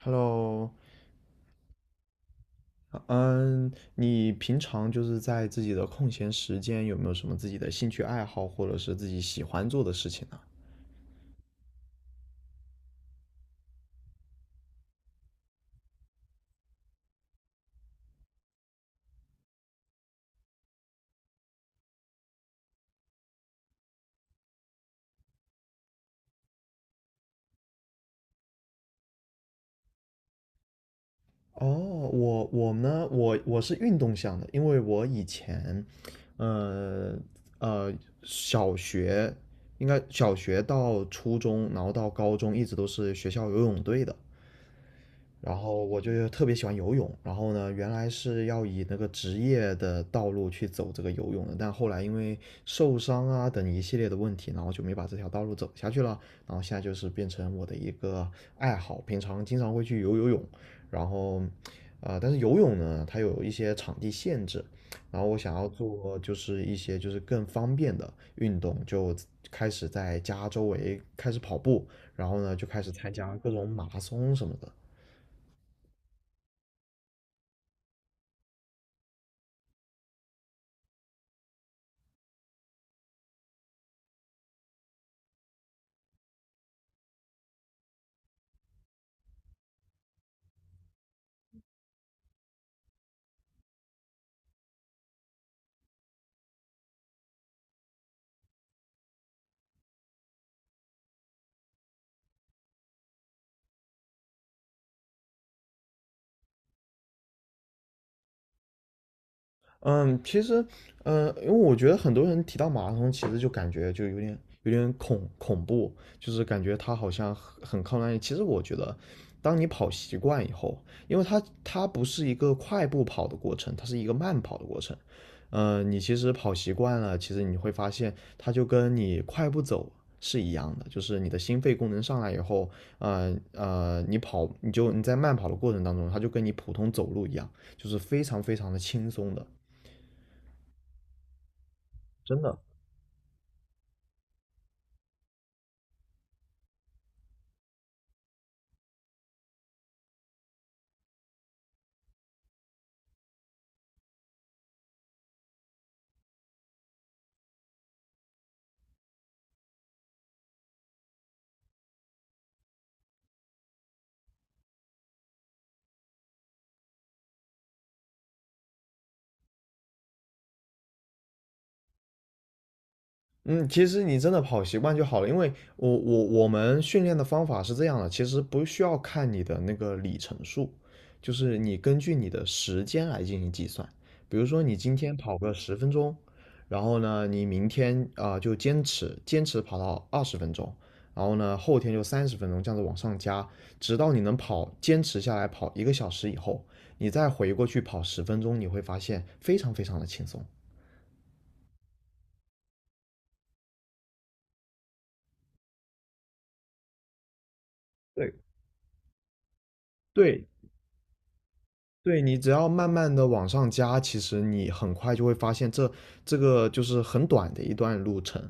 Hello，嗯，你平常就是在自己的空闲时间有没有什么自己的兴趣爱好，或者是自己喜欢做的事情呢？哦，我呢，我是运动向的，因为我以前，呃呃，小学应该小学到初中，然后到高中一直都是学校游泳队的。然后我就特别喜欢游泳，然后呢，原来是要以那个职业的道路去走这个游泳的，但后来因为受伤啊等一系列的问题，然后就没把这条道路走下去了。然后现在就是变成我的一个爱好，平常经常会去游游泳，然后，但是游泳呢，它有一些场地限制，然后我想要做就是一些就是更方便的运动，就开始在家周围开始跑步，然后呢就开始参加各种马拉松什么的。嗯，其实，因为我觉得很多人提到马拉松，其实就感觉就有点恐怖，就是感觉它好像很靠耐力。其实我觉得，当你跑习惯以后，因为它不是一个快步跑的过程，它是一个慢跑的过程。嗯，你其实跑习惯了，其实你会发现，它就跟你快步走是一样的，就是你的心肺功能上来以后，你在慢跑的过程当中，它就跟你普通走路一样，就是非常非常的轻松的。真的。嗯，其实你真的跑习惯就好了，因为我们训练的方法是这样的，其实不需要看你的那个里程数，就是你根据你的时间来进行计算。比如说你今天跑个十分钟，然后呢，你明天啊就坚持坚持跑到20分钟，然后呢后天就30分钟，这样子往上加，直到你能跑坚持下来跑一个小时以后，你再回过去跑十分钟，你会发现非常非常的轻松。对对，对，你只要慢慢的往上加，其实你很快就会发现这个就是很短的一段路程。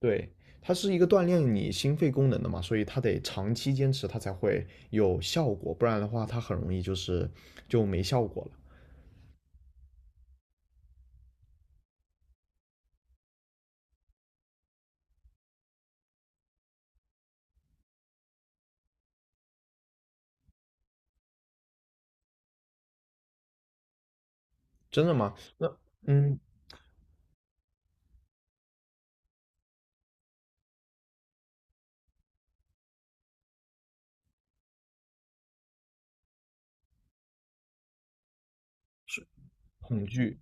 对，它是一个锻炼你心肺功能的嘛，所以它得长期坚持，它才会有效果，不然的话它很容易就是就没效果了。真的吗？那嗯，恐惧。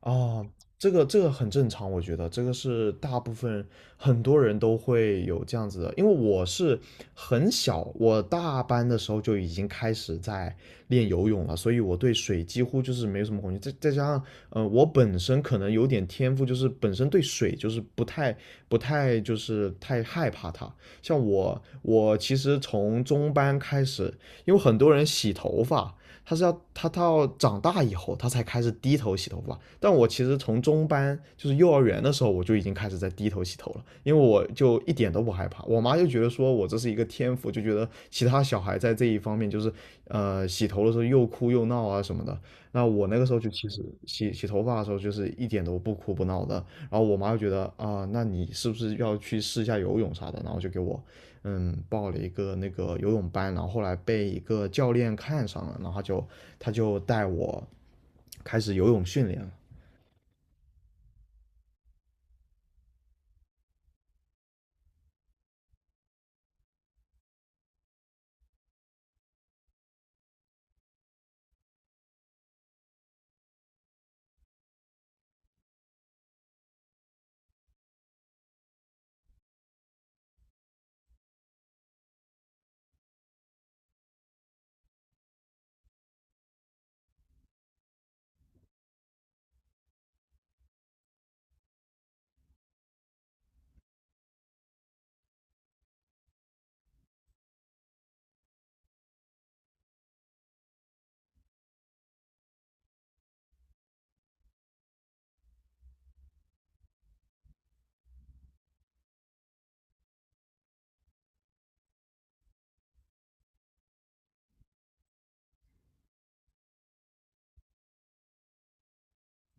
啊，这个很正常，我觉得这个是大部分很多人都会有这样子的，因为我是很小，我大班的时候就已经开始在练游泳了，所以我对水几乎就是没有什么恐惧。再加上，我本身可能有点天赋，就是本身对水就是不太就是太害怕它。像我，我其实从中班开始，因为很多人洗头发，他是要他到长大以后，他才开始低头洗头发。但我其实从中班，就是幼儿园的时候，我就已经开始在低头洗头了，因为我就一点都不害怕。我妈就觉得说我这是一个天赋，就觉得其他小孩在这一方面就是，洗头的时候又哭又闹啊什么的。那我那个时候就其实洗洗头发的时候，就是一点都不哭不闹的。然后我妈就觉得那你是不是要去试一下游泳啥的？然后就给我报了一个那个游泳班，然后后来被一个教练看上了，然后他就带我开始游泳训练了。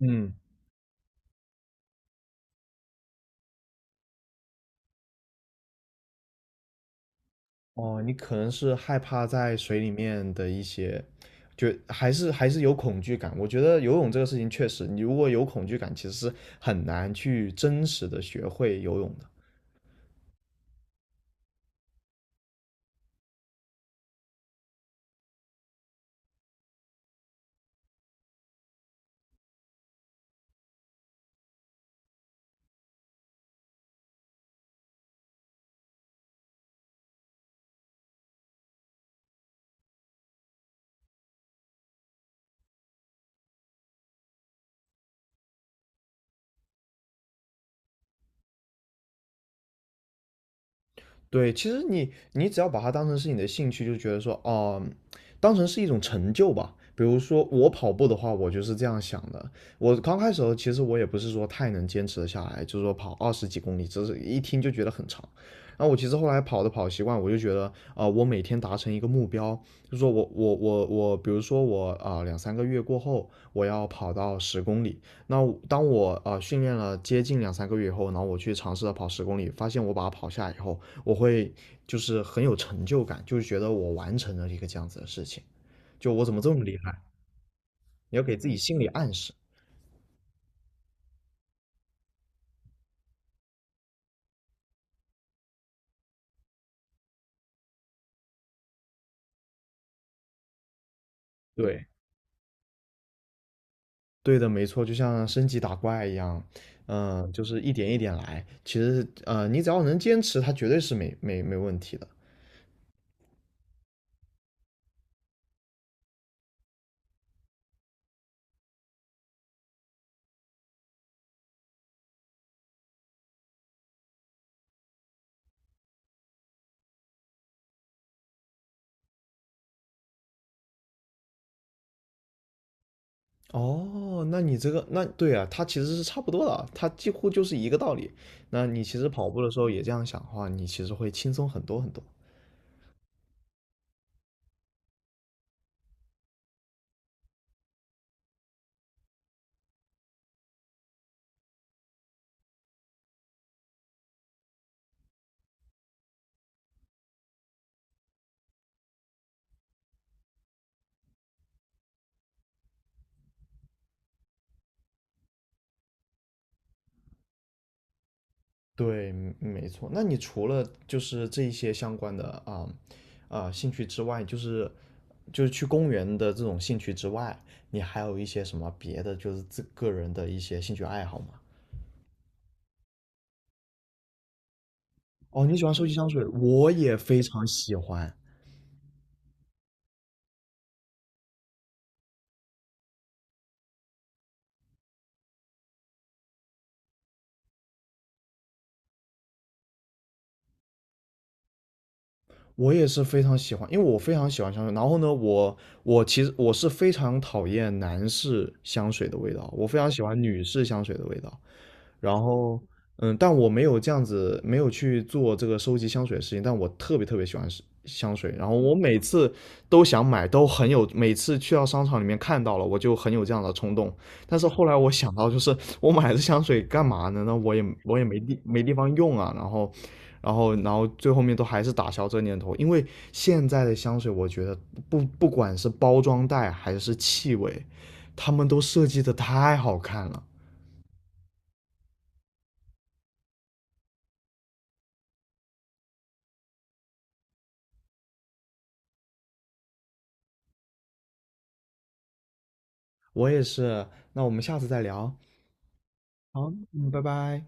嗯，哦，你可能是害怕在水里面的一些，就还是有恐惧感。我觉得游泳这个事情确实，你如果有恐惧感，其实是很难去真实的学会游泳的。对，其实你只要把它当成是你的兴趣，就觉得说，当成是一种成就吧。比如说我跑步的话，我就是这样想的。我刚开始的时候，其实我也不是说太能坚持得下来，就是说跑20几公里，只是一听就觉得很长。然后我其实后来跑的跑习惯，我就觉得，我每天达成一个目标，就是说我，比如说我两三个月过后，我要跑到十公里。那我当我训练了接近两三个月以后，然后我去尝试着跑十公里，发现我把它跑下来以后，我会就是很有成就感，就是觉得我完成了一个这样子的事情，就我怎么这么厉害？你要给自己心理暗示。对，对的，没错，就像升级打怪一样，就是一点一点来。其实，你只要能坚持，它绝对是没问题的。哦，那你这个，那对啊，它其实是差不多的啊，它几乎就是一个道理。那你其实跑步的时候也这样想的话，你其实会轻松很多很多。对，嗯没错。那你除了就是这一些相关的兴趣之外，就是去公园的这种兴趣之外，你还有一些什么别的就是自个人的一些兴趣爱好吗？哦，你喜欢收集香水，我也非常喜欢。我也是非常喜欢，因为我非常喜欢香水。然后呢，我其实是非常讨厌男士香水的味道，我非常喜欢女士香水的味道。然后，但我没有这样子，没有去做这个收集香水的事情，但我特别特别喜欢是香水。然后我每次都想买，都很有，每次去到商场里面看到了，我就很有这样的冲动。但是后来我想到，就是我买的香水干嘛呢？那我也没地方用啊，然后最后面都还是打消这念头，因为现在的香水，我觉得不管是包装袋还是气味，他们都设计的太好看了。我也是，那我们下次再聊。好，嗯，拜拜。